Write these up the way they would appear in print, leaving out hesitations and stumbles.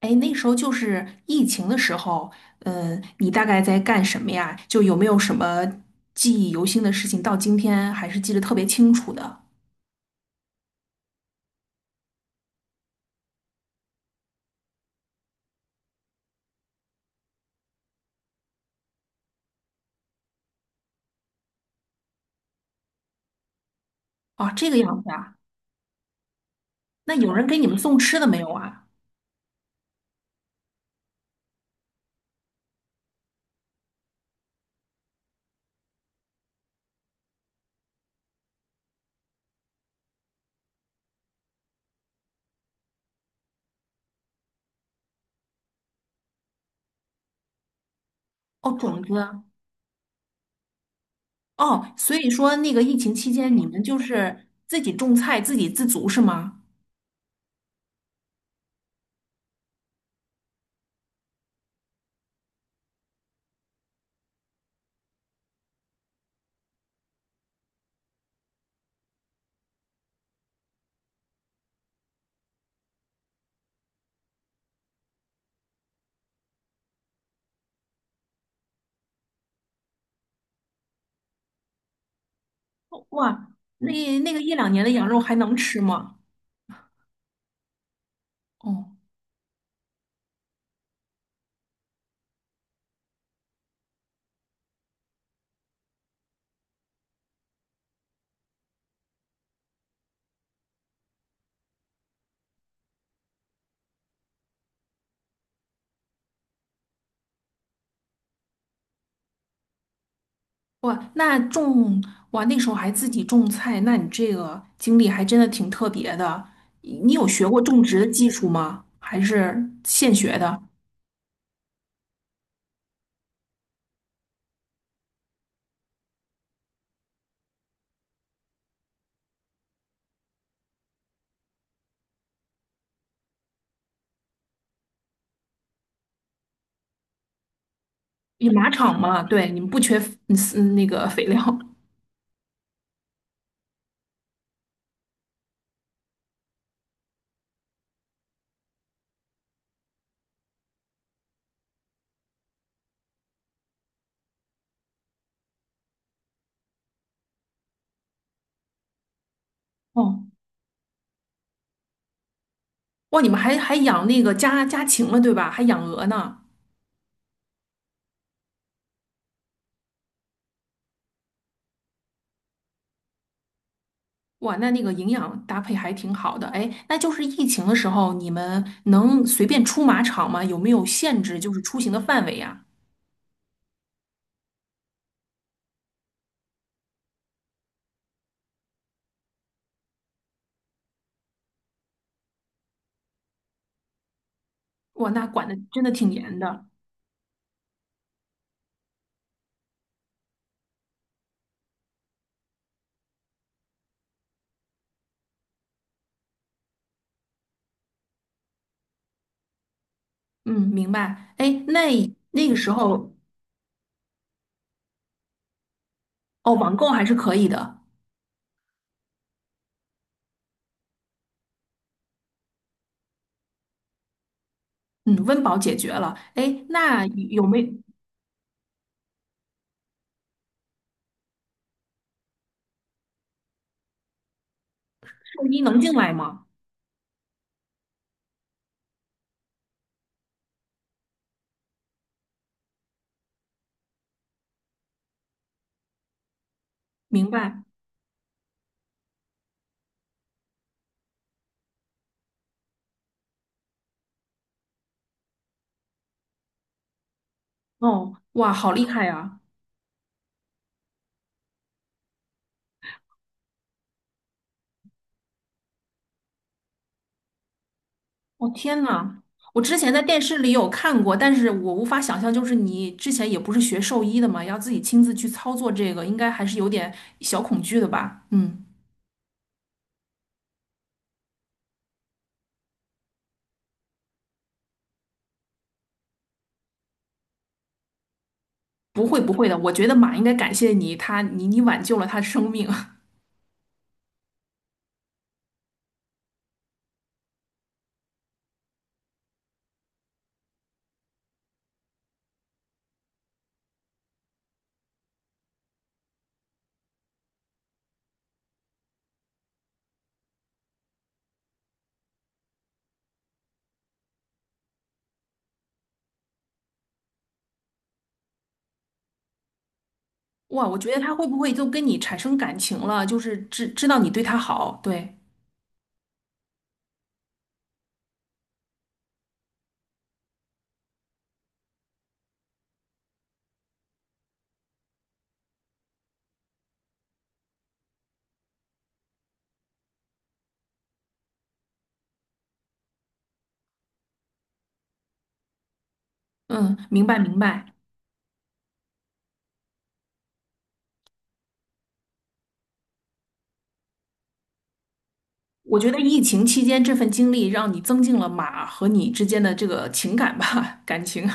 哎，那时候就是疫情的时候，你大概在干什么呀？就有没有什么记忆犹新的事情，到今天还是记得特别清楚的？哦，这个样子啊。那有人给你们送吃的没有啊？哦，种子。哦，所以说那个疫情期间，你们就是自己种菜，自给自足是吗？哇，那那个一两年的羊肉还能吃吗？哦。哇，那种哇，那时候还自己种菜，那你这个经历还真的挺特别的。你有学过种植的技术吗？还是现学的？你马场嘛，对，你们不缺嗯嗯，那个肥料。哦，哇，你们还养那个家禽了，对吧？还养鹅呢。哇，那那个营养搭配还挺好的。哎，那就是疫情的时候，你们能随便出马场吗？有没有限制，就是出行的范围呀？哇，那管的真的挺严的。嗯，明白。哎，那那个时候，哦，网购还是可以的。嗯，温饱解决了。哎，那有没兽医能进来吗？明白。哦，哇，好厉害呀！哦，天呐，我之前在电视里有看过，但是我无法想象，就是你之前也不是学兽医的嘛，要自己亲自去操作这个，应该还是有点小恐惧的吧？嗯，不会不会的，我觉得马应该感谢你，你挽救了它的生命。哇，我觉得他会不会就跟你产生感情了？就是知道你对他好，对，嗯，明白明白。我觉得疫情期间这份经历让你增进了马和你之间的这个情感吧，感情。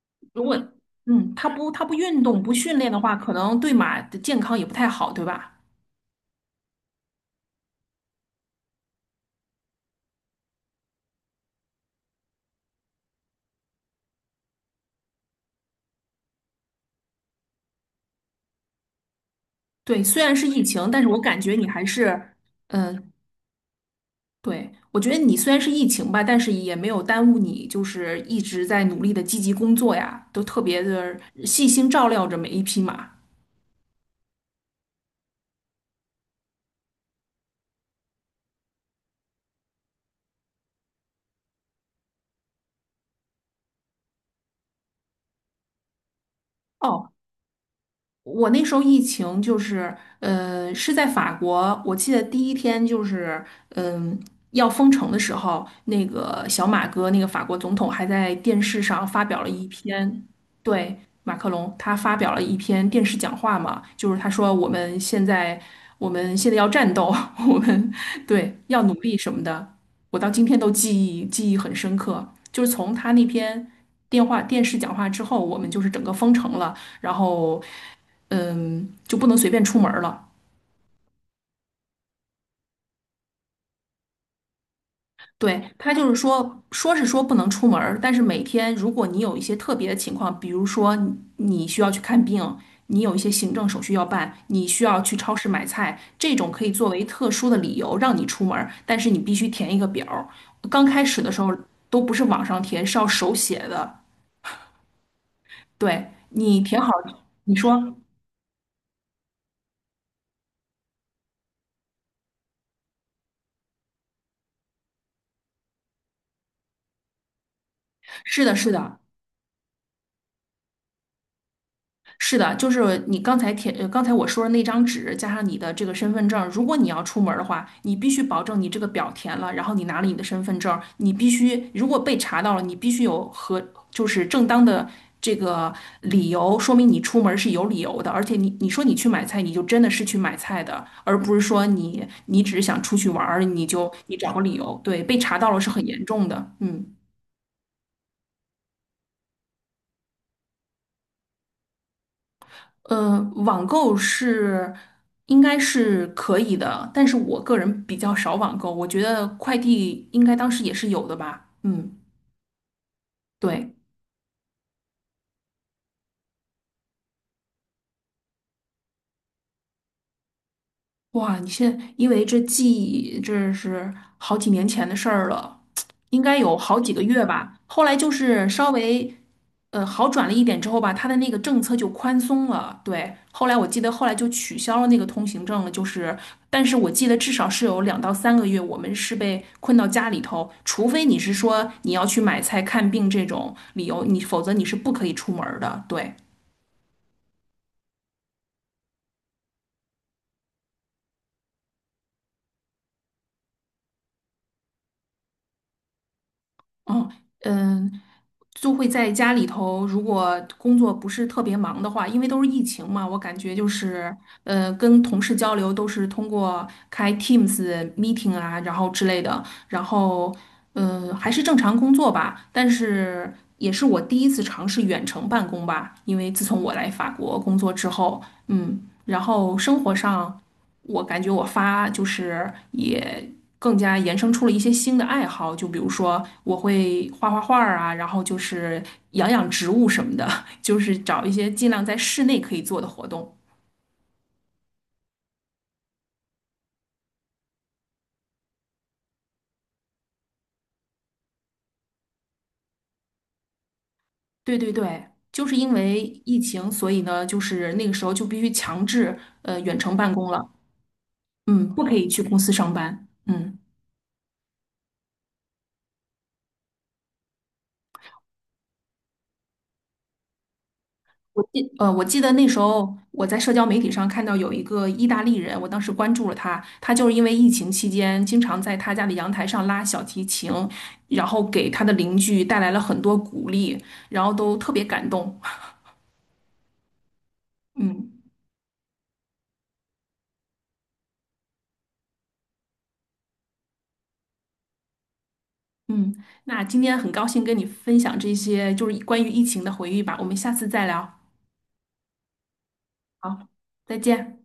如果嗯，他不运动不训练的话，可能对马的健康也不太好，对吧？对，虽然是疫情，但是我感觉你还是，嗯、对，我觉得你虽然是疫情吧，但是也没有耽误你，就是一直在努力的积极工作呀，都特别的细心照料着每一匹马。哦，我那时候疫情就是，是在法国，我记得第一天就是，嗯、要封城的时候，那个小马哥，那个法国总统还在电视上发表了一篇，对，马克龙，他发表了一篇电视讲话嘛，就是他说我们现在，我们现在要战斗，我们对要努力什么的，我到今天都记忆很深刻，就是从他那篇电视讲话之后，我们就是整个封城了。然后嗯，就不能随便出门儿了。对，他就是说，说是说不能出门儿，但是每天如果你有一些特别的情况，比如说你需要去看病，你有一些行政手续要办，你需要去超市买菜，这种可以作为特殊的理由让你出门儿，但是你必须填一个表儿。刚开始的时候都不是网上填，是要手写的。对，你填好，你说是的，是的。是的，就是你刚才填，刚才我说的那张纸，加上你的这个身份证，如果你要出门儿的话，你必须保证你这个表填了，然后你拿了你的身份证，你必须如果被查到了，你必须有和就是正当的这个理由，说明你出门儿是有理由的，而且你说你去买菜，你就真的是去买菜的，而不是说你只是想出去玩儿，你就你找个理由，对，被查到了是很严重的，嗯。呃，网购是应该是可以的，但是我个人比较少网购，我觉得快递应该当时也是有的吧。嗯，对。哇，你现在因为这记忆，这是好几年前的事儿了，应该有好几个月吧。后来就是稍微好转了一点之后吧，他的那个政策就宽松了。对，后来我记得后来就取消了那个通行证了，就是，但是我记得至少是有两到三个月，我们是被困到家里头，除非你是说你要去买菜、看病这种理由，否则你是不可以出门儿的。对，嗯。嗯，就会在家里头，如果工作不是特别忙的话，因为都是疫情嘛，我感觉就是，跟同事交流都是通过开 Teams meeting 啊，然后之类的，然后，嗯，还是正常工作吧。但是也是我第一次尝试远程办公吧，因为自从我来法国工作之后，嗯，然后生活上。我感觉我发就是也更加延伸出了一些新的爱好，就比如说我会画画儿啊，然后就是养植物什么的，就是找一些尽量在室内可以做的活动。对对对，就是因为疫情，所以呢，就是那个时候就必须强制远程办公了，嗯，不可以去公司上班，嗯。我记得那时候我在社交媒体上看到有一个意大利人，我当时关注了他，他就是因为疫情期间经常在他家的阳台上拉小提琴，然后给他的邻居带来了很多鼓励，然后都特别感动。嗯。嗯，那今天很高兴跟你分享这些就是关于疫情的回忆吧，我们下次再聊。好，再见。